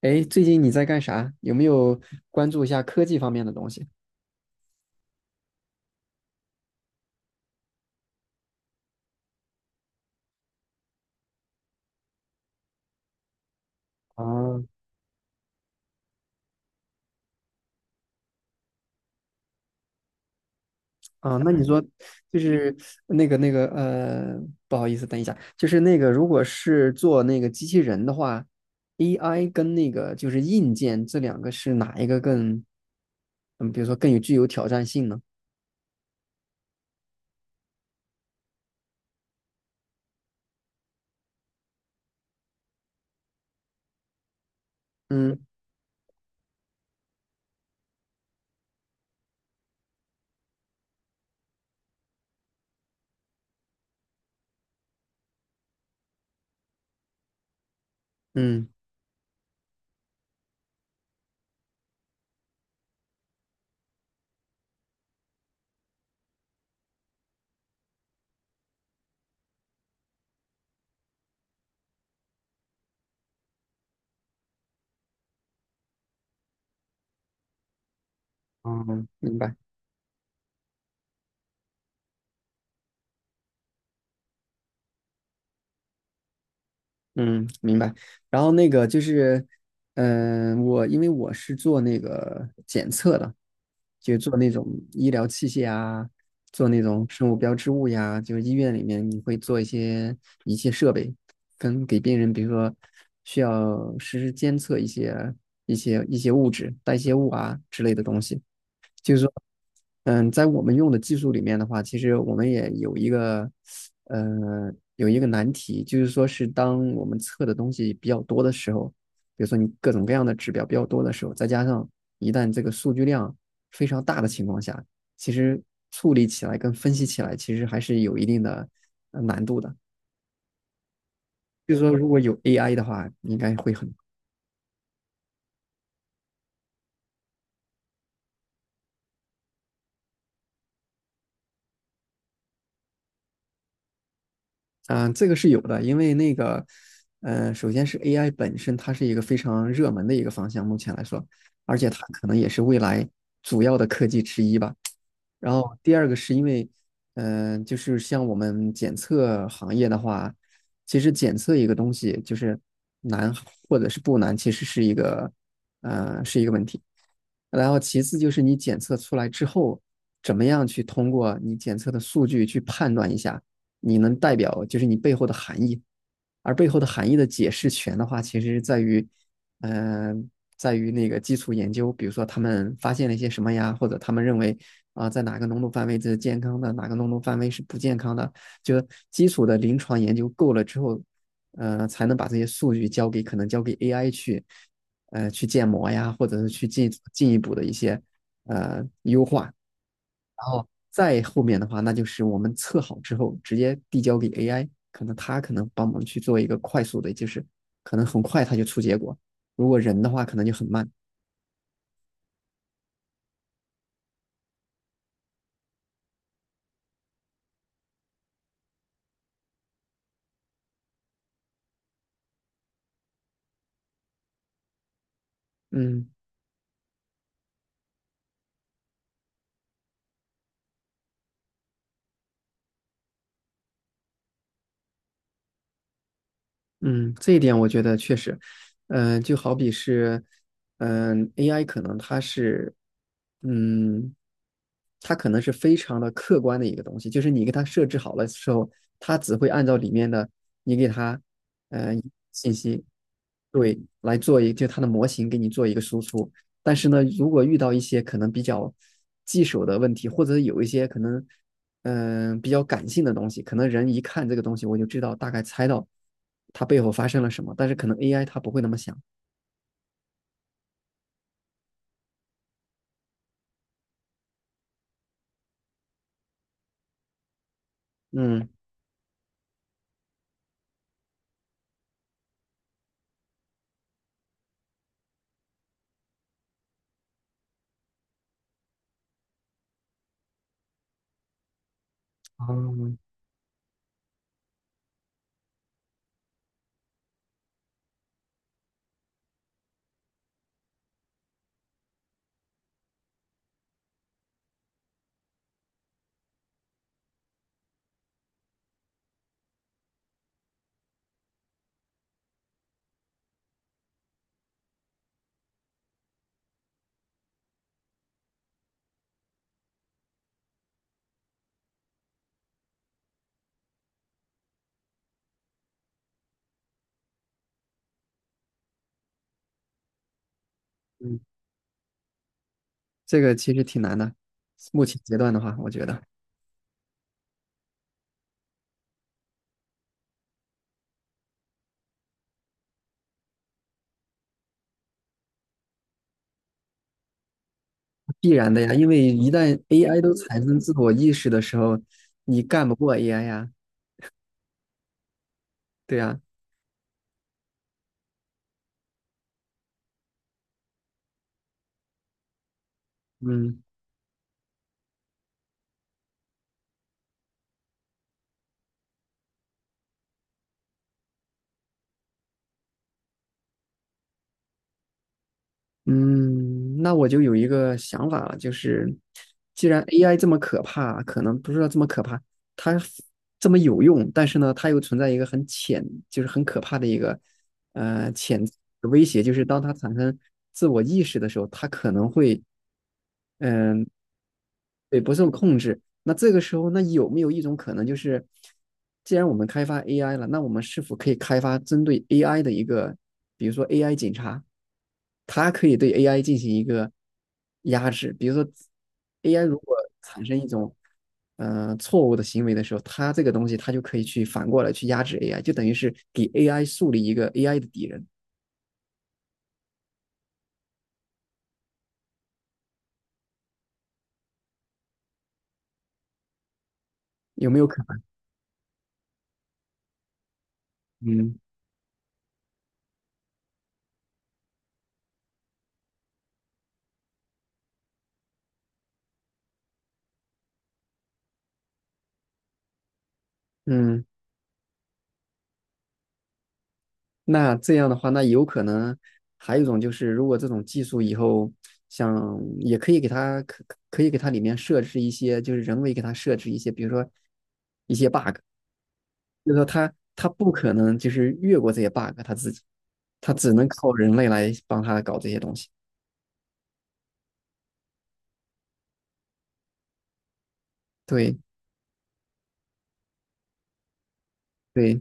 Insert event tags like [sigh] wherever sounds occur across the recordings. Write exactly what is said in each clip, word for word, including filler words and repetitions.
哎，最近你在干啥？有没有关注一下科技方面的东西？啊，啊，那你说就是那个那个呃，不好意思，等一下，就是那个如果是做那个机器人的话，A I 跟那个就是硬件这两个是哪一个更嗯，比如说更有具有挑战性呢？嗯嗯，嗯，明白，嗯明白。然后那个就是，嗯、我因为我是做那个检测的。就做那种医疗器械啊，做那种生物标志物呀，就是医院里面你会做一些仪器设备，跟给病人，比如说需要实时监测一些一些一些物质、代谢物啊之类的东西，就是说。嗯，在我们用的技术里面的话，其实我们也有一个，呃，有一个难题，就是说是当我们测的东西比较多的时候，比如说你各种各样的指标比较多的时候，再加上一旦这个数据量非常大的情况下，其实处理起来跟分析起来其实还是有一定的呃难度的。就是说，如果有 A I 的话，应该会很嗯、这个是有的，因为那个，呃，首先是 A I 本身，它是一个非常热门的一个方向，目前来说，而且它可能也是未来主要的科技之一吧。然后第二个是因为，嗯、就是像我们检测行业的话，其实检测一个东西就是难或者是不难，其实是一个，呃，是一个问题。然后其次就是你检测出来之后，怎么样去通过你检测的数据去判断一下，你能代表就是你背后的含义。而背后的含义的解释权的话，其实是在于。嗯、呃在于那个基础研究，比如说他们发现了一些什么呀，或者他们认为啊、呃在哪个浓度范围这是健康的，哪个浓度范围是不健康的，就基础的临床研究够了之后，呃，才能把这些数据交给可能交给 A I 去，呃，去建模呀，或者是去进进一步的一些呃优化。然后再后面的话，那就是我们测好之后直接递交给 A I,可能它可能帮忙去做一个快速的，就是可能很快它就出结果。如果人的话，可能就很慢。嗯。嗯，这一点我觉得确实，嗯、就好比是，嗯、a i 可能它是，嗯，它可能是非常的客观的一个东西，就是你给它设置好了之后，它只会按照里面的你给它，呃，信息，对，来做一就它的模型给你做一个输出。但是呢，如果遇到一些可能比较棘手的问题，或者有一些可能嗯、呃比较感性的东西，可能人一看这个东西，我就知道大概猜到它背后发生了什么，但是可能 A I 它不会那么想。嗯，哦，嗯，这个其实挺难的。目前阶段的话，我觉得 [laughs] 必然的呀，因为一旦 A I 都产生自我意识的时候，你干不过 A I 呀，对呀，嗯。嗯，那我就有一个想法了，就是既然 A I 这么可怕，可能不是说这么可怕，它这么有用，但是呢，它又存在一个很潜，就是很可怕的一个呃潜在的威胁，就是当它产生自我意识的时候，它可能会嗯、对，不受控制，那这个时候，那有没有一种可能，就是既然我们开发 A I 了，那我们是否可以开发针对 AI 的一个，比如说 AI 警察，它可以对 AI 进行一个压制，比如说 A I 如果产生一种呃错误的行为的时候，它这个东西它就可以去反过来去压制 A I,就等于是给 A I 树立一个 A I 的敌人，有没有可能？嗯嗯。那这样的话，那有可能还有一种就是，如果这种技术以后想，也可以给它可可以给它里面设置一些，就是人为给它设置一些，比如说，就是说它它不可能就是越过这些 bug,它自己，它只能靠人类来帮它搞这些东西。对对，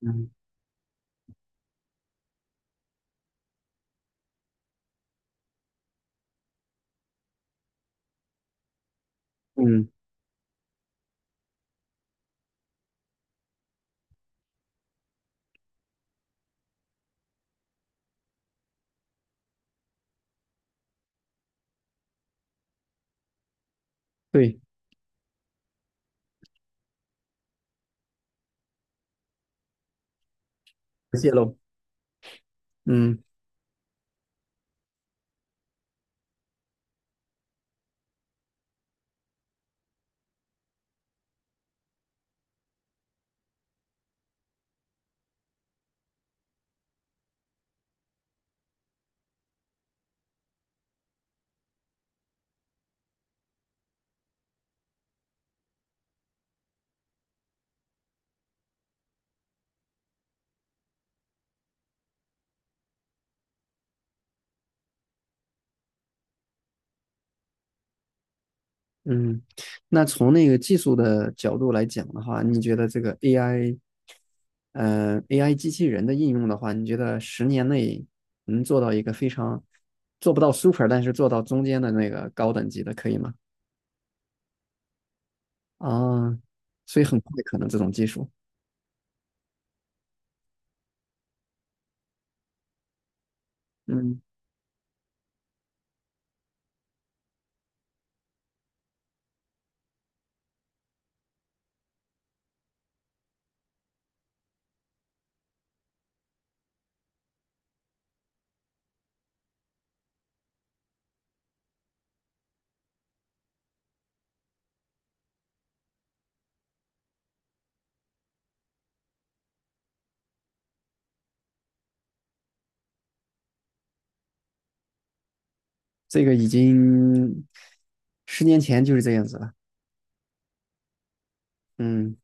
嗯嗯，对，不泄露，嗯嗯。那从那个技术的角度来讲的话，你觉得这个 A I 嗯 a i 机器人的应用的话，你觉得十年内能做到一个非常做不到 super,但是做到中间的那个高等级的，可以吗？啊，所以很快可能这种技术，嗯，这个已经十年前就是这样子了，嗯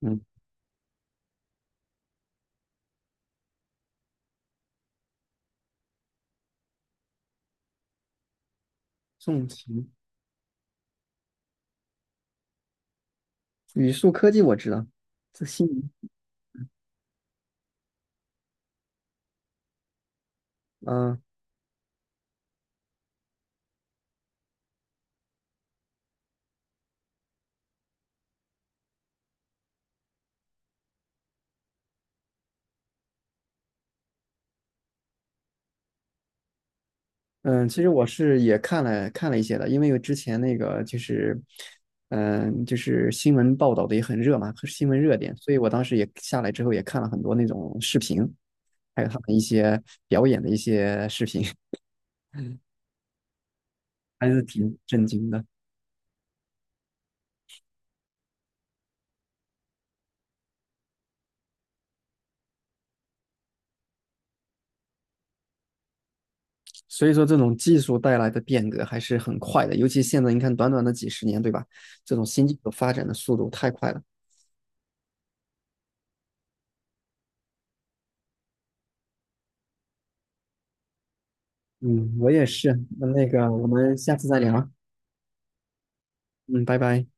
嗯，重情语数科技我知道，自信嗯、啊嗯，其实我是也看了看了一些的，因为之前那个就是，嗯，就是新闻报道的也很热嘛，新闻热点，所以我当时也下来之后也看了很多那种视频，还有他们一些表演的一些视频，[laughs] 还是挺震惊的。所以说，这种技术带来的变革还是很快的，尤其现在你看，短短的几十年，对吧？这种新技术发展的速度太快了。嗯，我也是。那那个，我们下次再聊啊。嗯，拜拜。